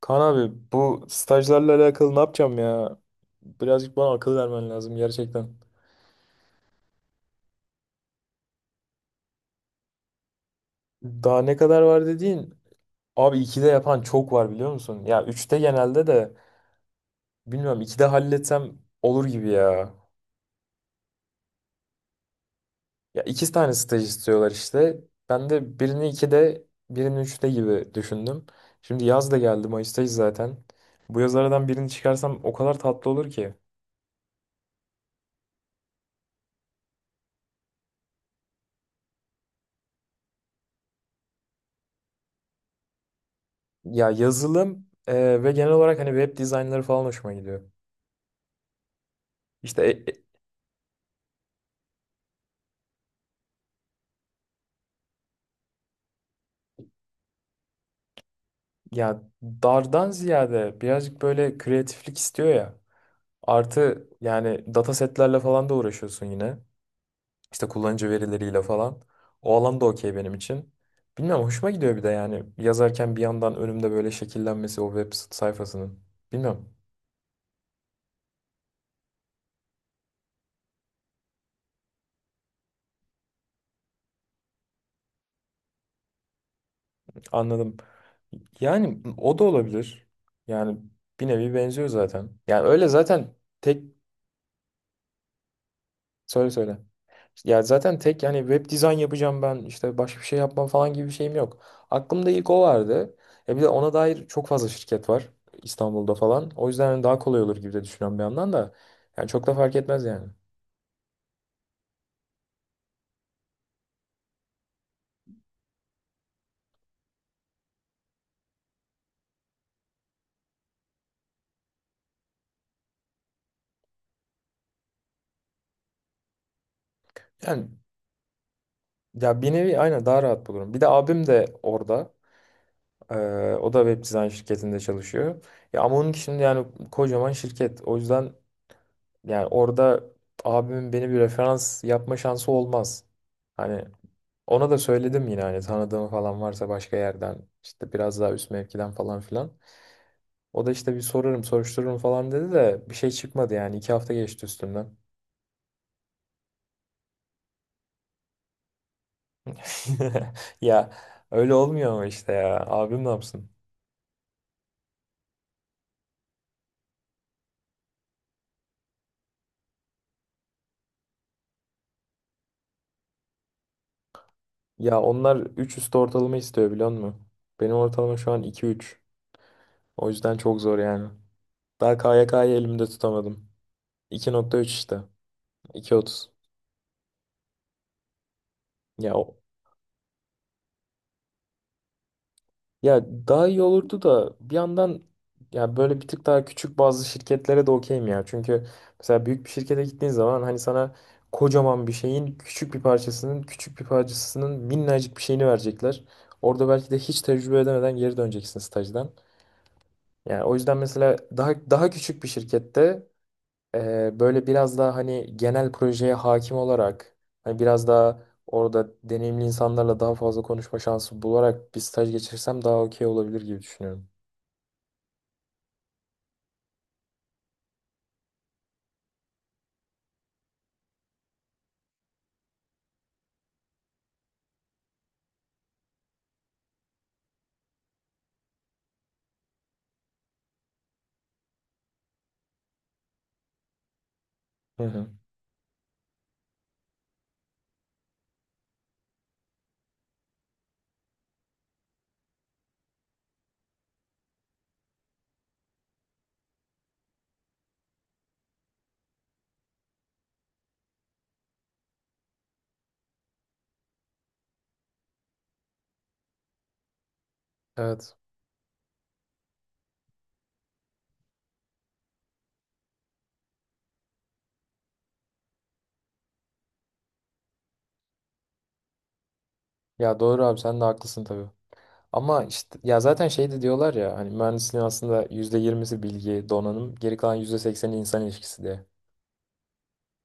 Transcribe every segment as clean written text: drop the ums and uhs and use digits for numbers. Kaan abi bu stajlarla alakalı ne yapacağım ya? Birazcık bana akıl vermen lazım gerçekten. Daha ne kadar var dediğin? Abi 2'de yapan çok var biliyor musun? Ya üçte genelde de bilmiyorum, 2'de halletsem olur gibi ya. Ya iki tane staj istiyorlar işte. Ben de birini 2'de birini üçte gibi düşündüm. Şimdi yaz da geldi, Mayıs'tayız zaten. Bu yaz aradan birini çıkarsam o kadar tatlı olur ki. Ya yazılım ve genel olarak hani web dizaynları falan hoşuma gidiyor. İşte ya dardan ziyade birazcık böyle kreatiflik istiyor ya. Artı yani data setlerle falan da uğraşıyorsun yine. İşte kullanıcı verileriyle falan. O alan da okey benim için. Bilmiyorum, hoşuma gidiyor bir de yani yazarken bir yandan önümde böyle şekillenmesi o web sayfasının. Bilmiyorum, anladım. Yani o da olabilir. Yani bir nevi benziyor zaten. Yani öyle zaten. tek Söyle söyle. Ya zaten tek yani web dizayn yapacağım ben işte, başka bir şey yapmam falan gibi bir şeyim yok. Aklımda ilk o vardı. E bir de ona dair çok fazla şirket var İstanbul'da falan. O yüzden hani daha kolay olur gibi de düşünüyorum bir yandan da. Yani çok da fark etmez yani. Yani ya bir nevi aynen daha rahat bulurum. Bir de abim de orada. Ee, O da web dizayn şirketinde çalışıyor. Ya ama onun şimdi yani kocaman şirket. O yüzden yani orada abimin beni bir referans yapma şansı olmaz. Hani ona da söyledim yine, hani tanıdığım falan varsa başka yerden, işte biraz daha üst mevkiden falan filan. O da işte bir sorarım soruştururum falan dedi de bir şey çıkmadı yani, iki hafta geçti üstümden. Ya öyle olmuyor ama, işte ya abim ne yapsın? Ya onlar 3 üstü ortalama istiyor biliyor musun? Benim ortalama şu an iki üç. O yüzden çok zor yani. Daha KYK'yı elimde tutamadım. İki nokta üç işte. İki otuz. Ya o- Ya daha iyi olurdu da bir yandan, ya böyle bir tık daha küçük bazı şirketlere de okeyim ya. Çünkü mesela büyük bir şirkete gittiğin zaman hani sana kocaman bir şeyin küçük bir parçasının küçük bir parçasının minnacık bir şeyini verecekler. Orada belki de hiç tecrübe edemeden geri döneceksin stajdan. Yani o yüzden mesela daha küçük bir şirkette böyle biraz daha hani genel projeye hakim olarak, hani biraz daha orada deneyimli insanlarla daha fazla konuşma şansı bularak bir staj geçirsem daha okey olabilir gibi düşünüyorum. Hı hı. Evet. Ya doğru abi, sen de haklısın tabii. Ama işte ya zaten şey de diyorlar ya, hani mühendisliğin aslında %20'si bilgi, donanım, geri kalan %80'i insan ilişkisi diye.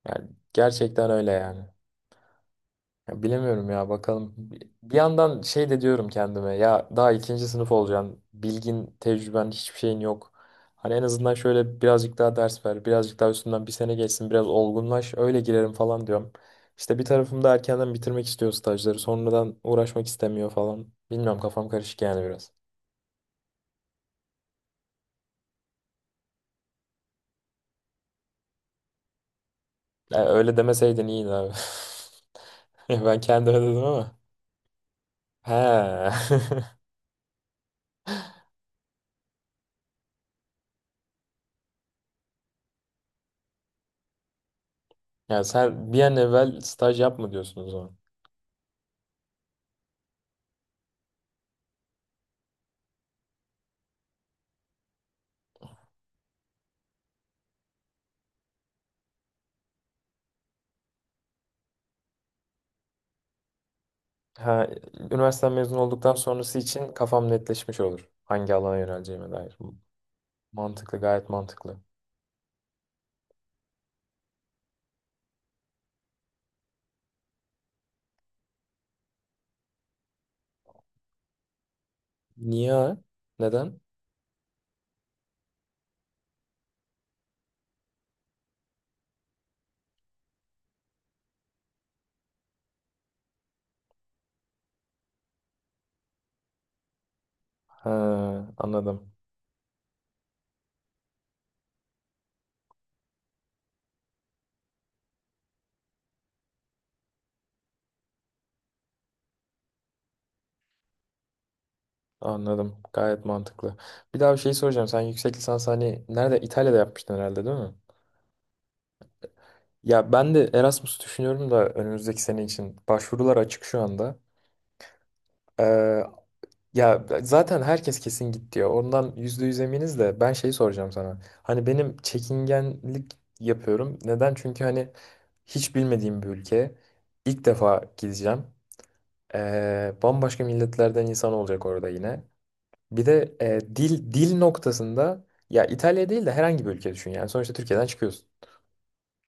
Yani gerçekten öyle yani. Ya bilemiyorum ya, bakalım. Bir yandan şey de diyorum kendime, ya daha ikinci sınıf olacaksın. Bilgin, tecrüben, hiçbir şeyin yok. Hani en azından şöyle birazcık daha ders ver. Birazcık daha üstünden bir sene geçsin. Biraz olgunlaş. Öyle girerim falan diyorum. İşte bir tarafım da erkenden bitirmek istiyor stajları. Sonradan uğraşmak istemiyor falan. Bilmiyorum, kafam karışık yani biraz. Ya öyle demeseydin iyiydi abi. Ben kendime dedim ama. He. Ya sen bir an evvel staj yapma diyorsun o zaman. Ha, üniversiteden mezun olduktan sonrası için kafam netleşmiş olur. Hangi alana yöneleceğime dair. Mantıklı, gayet mantıklı. Niye? Neden? Ha, anladım. Anladım. Gayet mantıklı. Bir daha bir şey soracağım. Sen yüksek lisans hani nerede? İtalya'da yapmıştın herhalde değil mi? Ya ben de Erasmus düşünüyorum da önümüzdeki sene için. Başvurular açık şu anda. Ee, Ya zaten herkes kesin git diyor. Ondan %100 eminiz de ben şeyi soracağım sana. Hani benim çekingenlik yapıyorum. Neden? Çünkü hani hiç bilmediğim bir ülke. İlk defa gideceğim. Bambaşka milletlerden insan olacak orada yine. Bir de dil noktasında, ya İtalya değil de herhangi bir ülke düşün yani. Sonuçta Türkiye'den çıkıyorsun.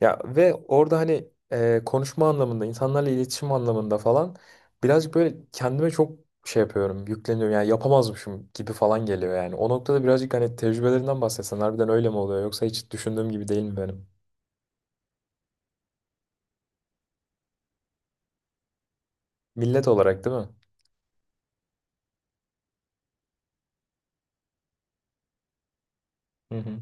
Ya ve orada hani konuşma anlamında, insanlarla iletişim anlamında falan, birazcık böyle kendime çok şey yapıyorum, yükleniyorum. Yani yapamazmışım gibi falan geliyor yani. O noktada birazcık hani tecrübelerinden bahsetsen, harbiden öyle mi oluyor yoksa hiç düşündüğüm gibi değil mi benim? Millet olarak değil mi? Hı hı.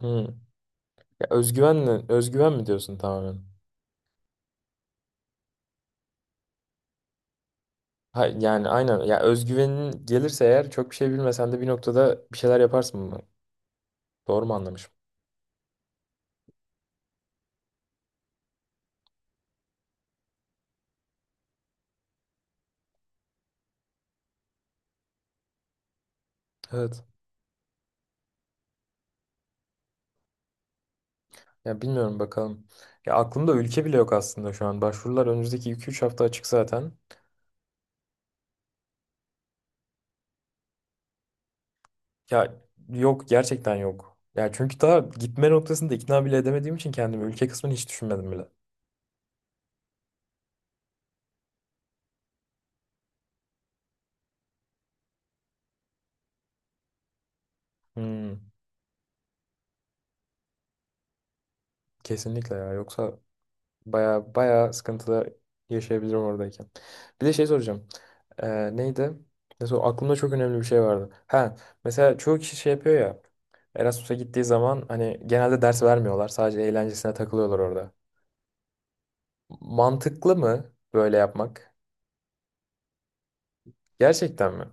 Hı. Ya özgüvenle, özgüven mi diyorsun tamamen? Ha, yani aynen. Ya özgüvenin gelirse eğer çok bir şey bilmesen de bir noktada bir şeyler yaparsın mı? Doğru mu anlamışım? Evet. Ya bilmiyorum, bakalım. Ya aklımda ülke bile yok aslında şu an. Başvurular önümüzdeki iki üç hafta açık zaten. Ya yok, gerçekten yok. Ya çünkü daha gitme noktasında ikna bile edemediğim için kendimi, ülke kısmını hiç düşünmedim bile. Hmm, Kesinlikle ya. Yoksa baya baya sıkıntılar yaşayabilirim oradayken. Bir de şey soracağım. Neydi? Mesela aklımda çok önemli bir şey vardı. Ha, mesela çoğu kişi şey yapıyor ya. Erasmus'a gittiği zaman hani genelde ders vermiyorlar. Sadece eğlencesine takılıyorlar orada. Mantıklı mı böyle yapmak? Gerçekten mi?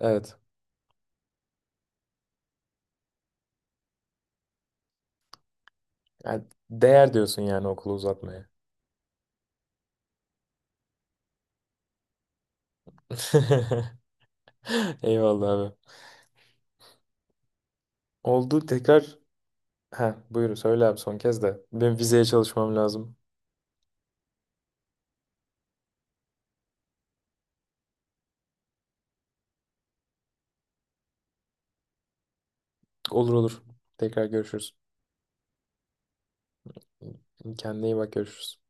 Evet. Yani değer diyorsun yani okulu uzatmaya. Eyvallah abi. Oldu tekrar. Ha, buyur. Söyle abi son kez de. Benim vizeye çalışmam lazım. Olur olur. Tekrar görüşürüz. Kendine iyi bak, görüşürüz.